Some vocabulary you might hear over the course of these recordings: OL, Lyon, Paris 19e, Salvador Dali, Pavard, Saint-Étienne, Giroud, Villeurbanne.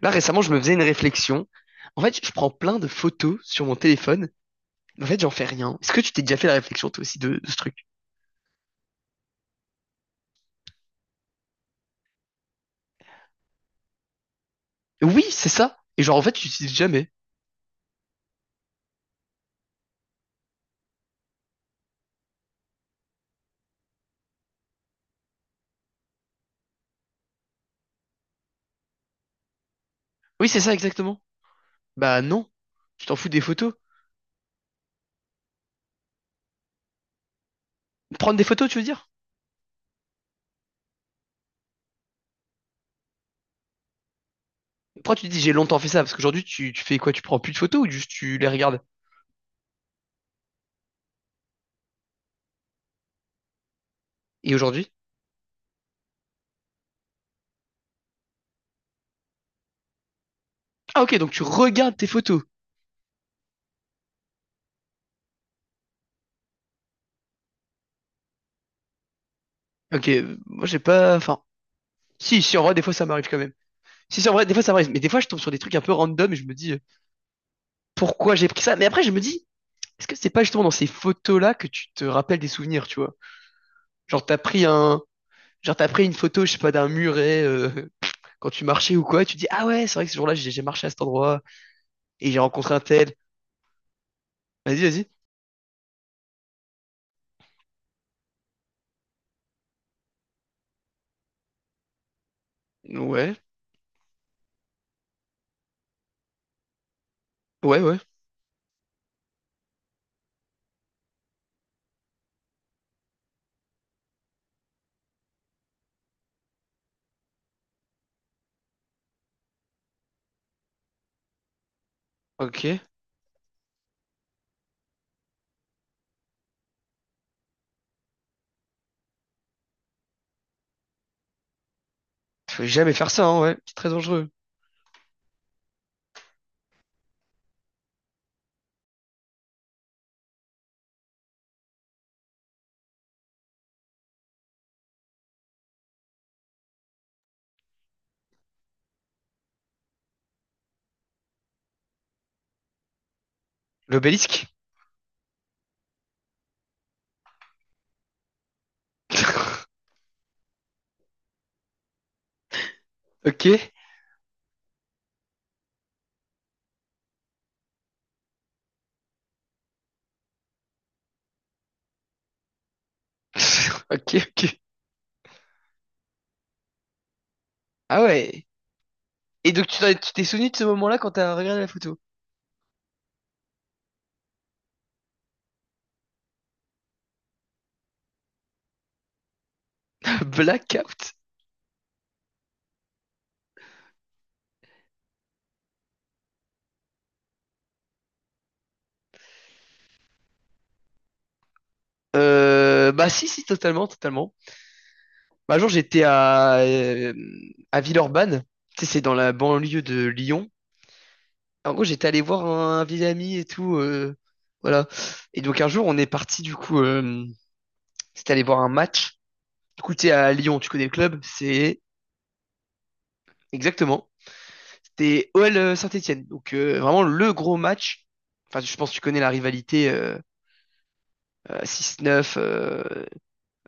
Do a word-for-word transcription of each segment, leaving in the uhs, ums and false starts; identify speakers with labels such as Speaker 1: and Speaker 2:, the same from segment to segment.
Speaker 1: Là, récemment, je me faisais une réflexion. En fait, je prends plein de photos sur mon téléphone. En fait, j'en fais rien. Est-ce que tu t'es déjà fait la réflexion, toi aussi, de, de ce truc? Oui, c'est ça. Et genre, en fait, tu l'utilises jamais. Oui, c'est ça, exactement. Bah non. Tu t'en fous des photos. Prendre des photos, tu veux dire? Pourquoi tu te dis j'ai longtemps fait ça? Parce qu'aujourd'hui, tu, tu fais quoi? Tu prends plus de photos ou juste tu les regardes? Et aujourd'hui? Ah, ok, donc tu regardes tes photos. Ok, euh, moi, j'ai pas. Enfin. Si, si, en vrai, des fois, ça m'arrive quand même. Si, si, en vrai, des fois, ça m'arrive. Mais des fois, je tombe sur des trucs un peu random et je me dis euh, pourquoi j'ai pris ça? Mais après, je me dis. Est-ce que c'est pas justement dans ces photos-là que tu te rappelles des souvenirs, tu vois? Genre t'as pris un, genre t'as pris une photo, je sais pas, d'un muret euh, quand tu marchais ou quoi, et tu dis ah ouais, c'est vrai que ce jour-là j'ai j'ai marché à cet endroit et j'ai rencontré un tel. Vas-y, vas-y. Ouais, ouais, ouais. Ok. Faut jamais faire ça, hein, ouais. C'est très dangereux. L'obélisque. Ok. Ok, ok. Ah ouais. Et donc tu t'en- tu t'es souvenu de ce moment-là quand t'as regardé la photo? Blackout. Euh, bah si, si, totalement, totalement. Bah, un jour, j'étais à, euh, à Villeurbanne. Tu sais, c'est dans la banlieue de Lyon. En gros, j'étais allé voir un, un vieil ami et tout. Euh, voilà. Et donc, un jour, on est parti, du coup, euh, c'était aller voir un match. Du coup, tu sais, à Lyon, tu connais le club, c'est exactement. C'était O L Saint-Étienne. Donc, euh, vraiment le gros match. Enfin, je pense que tu connais la rivalité euh, euh, six neuf, euh,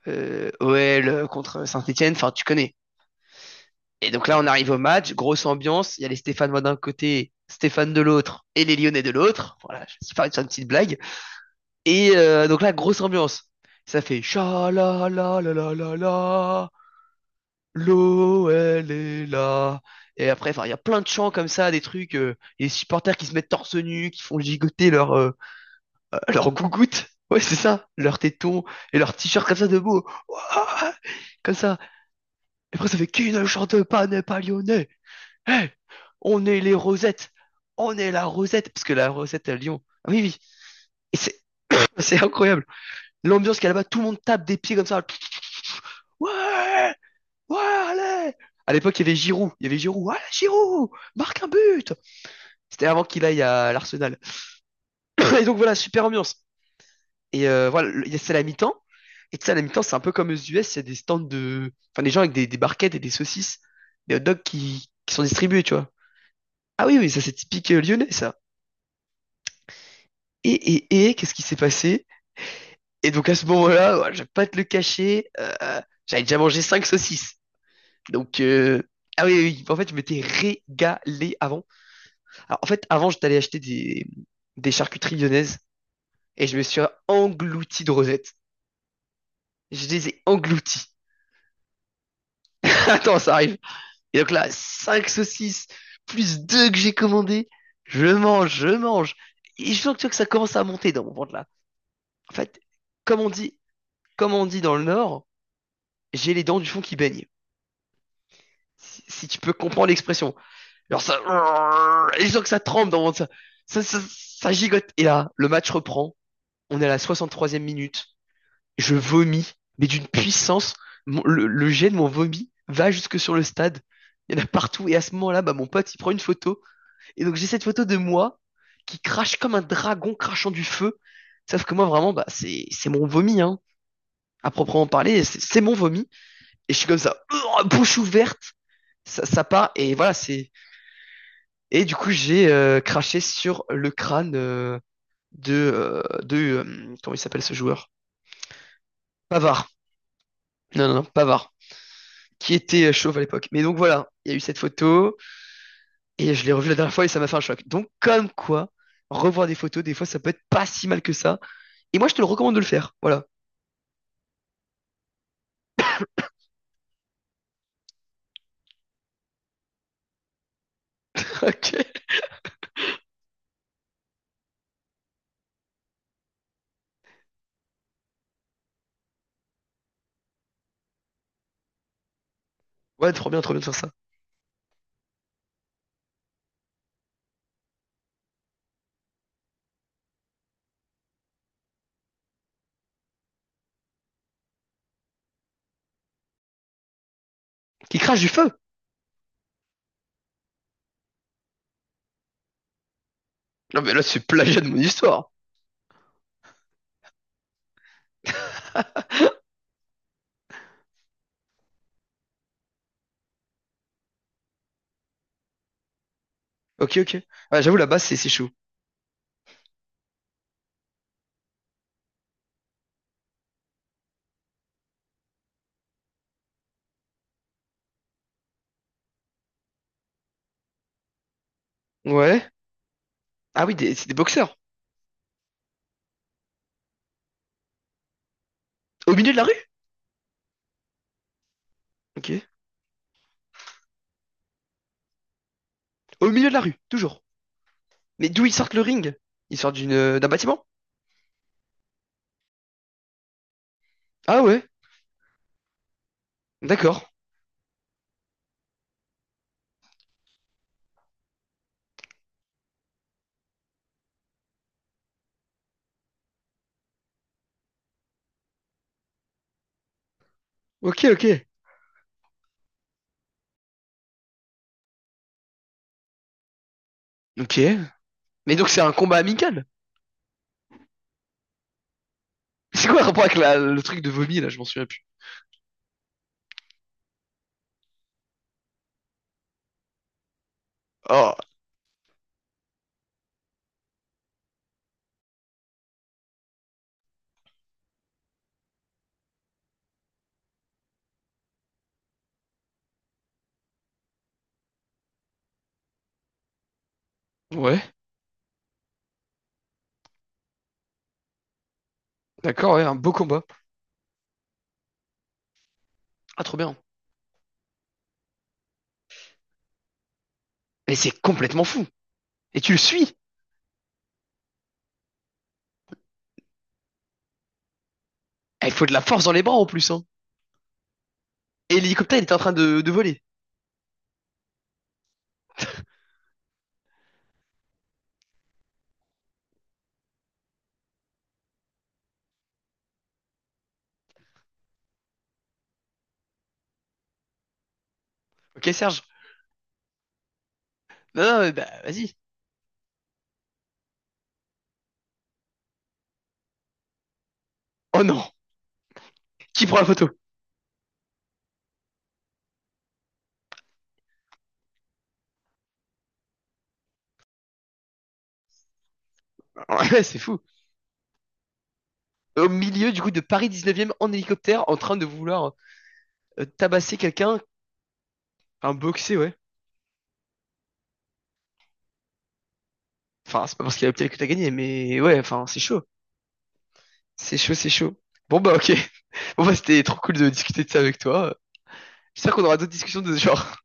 Speaker 1: euh, O L contre Saint-Étienne. Enfin, tu connais. Et donc là, on arrive au match, grosse ambiance. Il y a les Stéphanois d'un côté, Stéphane de l'autre et les Lyonnais de l'autre. Voilà, je vais faire une petite blague. Et euh, donc là, grosse ambiance. Ça fait cha la la la la la la, l'eau elle est là. Et après, enfin, il y a plein de chants comme ça, des trucs, euh, les supporters qui se mettent torse nu, qui font gigoter leur euh, leur gougoute. Ouais, c'est ça, leurs tétons et leurs t-shirts comme ça de beau. Ouah, comme ça. Et après, ça fait qui ne chante pas n'est pas lyonnais. Hey, on est les Rosettes. On est la Rosette. Parce que la Rosette à Lyon. Ah Oui, oui. Et c'est, c'est incroyable. L'ambiance qu'il y a là-bas, tout le monde tape des pieds comme ça. Ouais, ouais, allez. À l'époque, il y avait Giroud. Il y avait Giroud. Ouais, Giroud, marque un but. C'était avant qu'il aille à l'Arsenal. Et donc voilà, super ambiance. Et euh, voilà, le- c'est la mi-temps. Et tu sais, à la mi-temps, c'est un peu comme aux U S, il y a des stands de. Enfin, des gens avec des, des barquettes et des saucisses, des hot dogs qui, qui sont distribués, tu vois. Ah oui, oui, ça c'est typique euh, lyonnais, ça. Et, et, et, qu'est-ce qui s'est passé? Et donc à ce moment-là, ouais, je vais pas te le cacher, euh, j'avais déjà mangé cinq saucisses. Donc euh, ah oui, oui, oui, en fait, je m'étais régalé avant. Alors, en fait, avant, j'étais allé acheter des des charcuteries lyonnaises et je me suis englouti de rosettes. Je les ai engloutis. Attends, ça arrive. Et donc là, cinq saucisses plus deux que j'ai commandées. Je mange, je mange. Et je sens que, tu vois que ça commence à monter dans mon ventre là. En fait, comme on dit, comme on dit dans le Nord, j'ai les dents du fond qui baignent. Si, si tu peux comprendre l'expression. Alors ça, et je sens que ça tremble dans mon, ça, ça, ça, ça gigote. Et là, le match reprend. On est à la soixante-troisième minute. Je vomis, mais d'une puissance. Mon- le, le jet de mon vomi va jusque sur le stade. Il y en a partout. Et à ce moment-là, bah, mon pote, il prend une photo. Et donc, j'ai cette photo de moi qui crache comme un dragon crachant du feu. Sauf que moi, vraiment, bah, c'est, c'est mon vomi, hein. À proprement parler, c'est c'est mon vomi. Et je suis comme ça, euh, bouche ouverte. Ça, ça part. Et voilà, c'est, et du coup, j'ai euh, craché sur le crâne euh, de, euh, de euh, comment il s'appelle ce joueur? Pavard. Non, non, non, Pavard, qui était euh, chauve à l'époque. Mais donc voilà, il y a eu cette photo et je l'ai revue la dernière fois et ça m'a fait un choc. Donc comme quoi, revoir des photos, des fois, ça peut être pas si mal que ça. Et moi, je te le recommande de le faire. Voilà. Ok. Ouais, trop bien, trop bien de faire ça. Qui crache du feu. Non, mais là, c'est plagiat de mon histoire. Ok, ok. Ouais, j'avoue, là-bas, c'est c'est chaud. Ouais. Ah oui, des- c'est des boxeurs. Au milieu de la rue? Ok. Au milieu de la rue, toujours. Mais d'où ils sortent le ring? Ils sortent d'une d'un bâtiment? Ah ouais, d'accord. Ok, ok. Ok. Mais donc c'est un combat amical? C'est quoi le rapport avec la- le truc de vomi là? Je m'en souviens plus. Oh, ouais, d'accord, ouais, un beau combat. Ah, trop bien. Mais c'est complètement fou. Et tu le suis. Eh, Il faut de la force dans les bras en plus, hein. Et l'hélicoptère, il était en train de, de voler. Ok, Serge. Non, non, mais bah, vas-y. Oh non. Qui prend la photo? Ouais, c'est fou. Au milieu, du coup, de Paris dix-neuvième en hélicoptère en train de vouloir euh, tabasser quelqu'un, un boxer, ouais. Enfin, c'est pas parce qu'il y a Optiel que t'as gagné, mais ouais, enfin, c'est chaud. C'est chaud, c'est chaud. Bon bah ok. Bon bah c'était trop cool de discuter de ça avec toi. J'espère qu'on aura d'autres discussions de ce genre.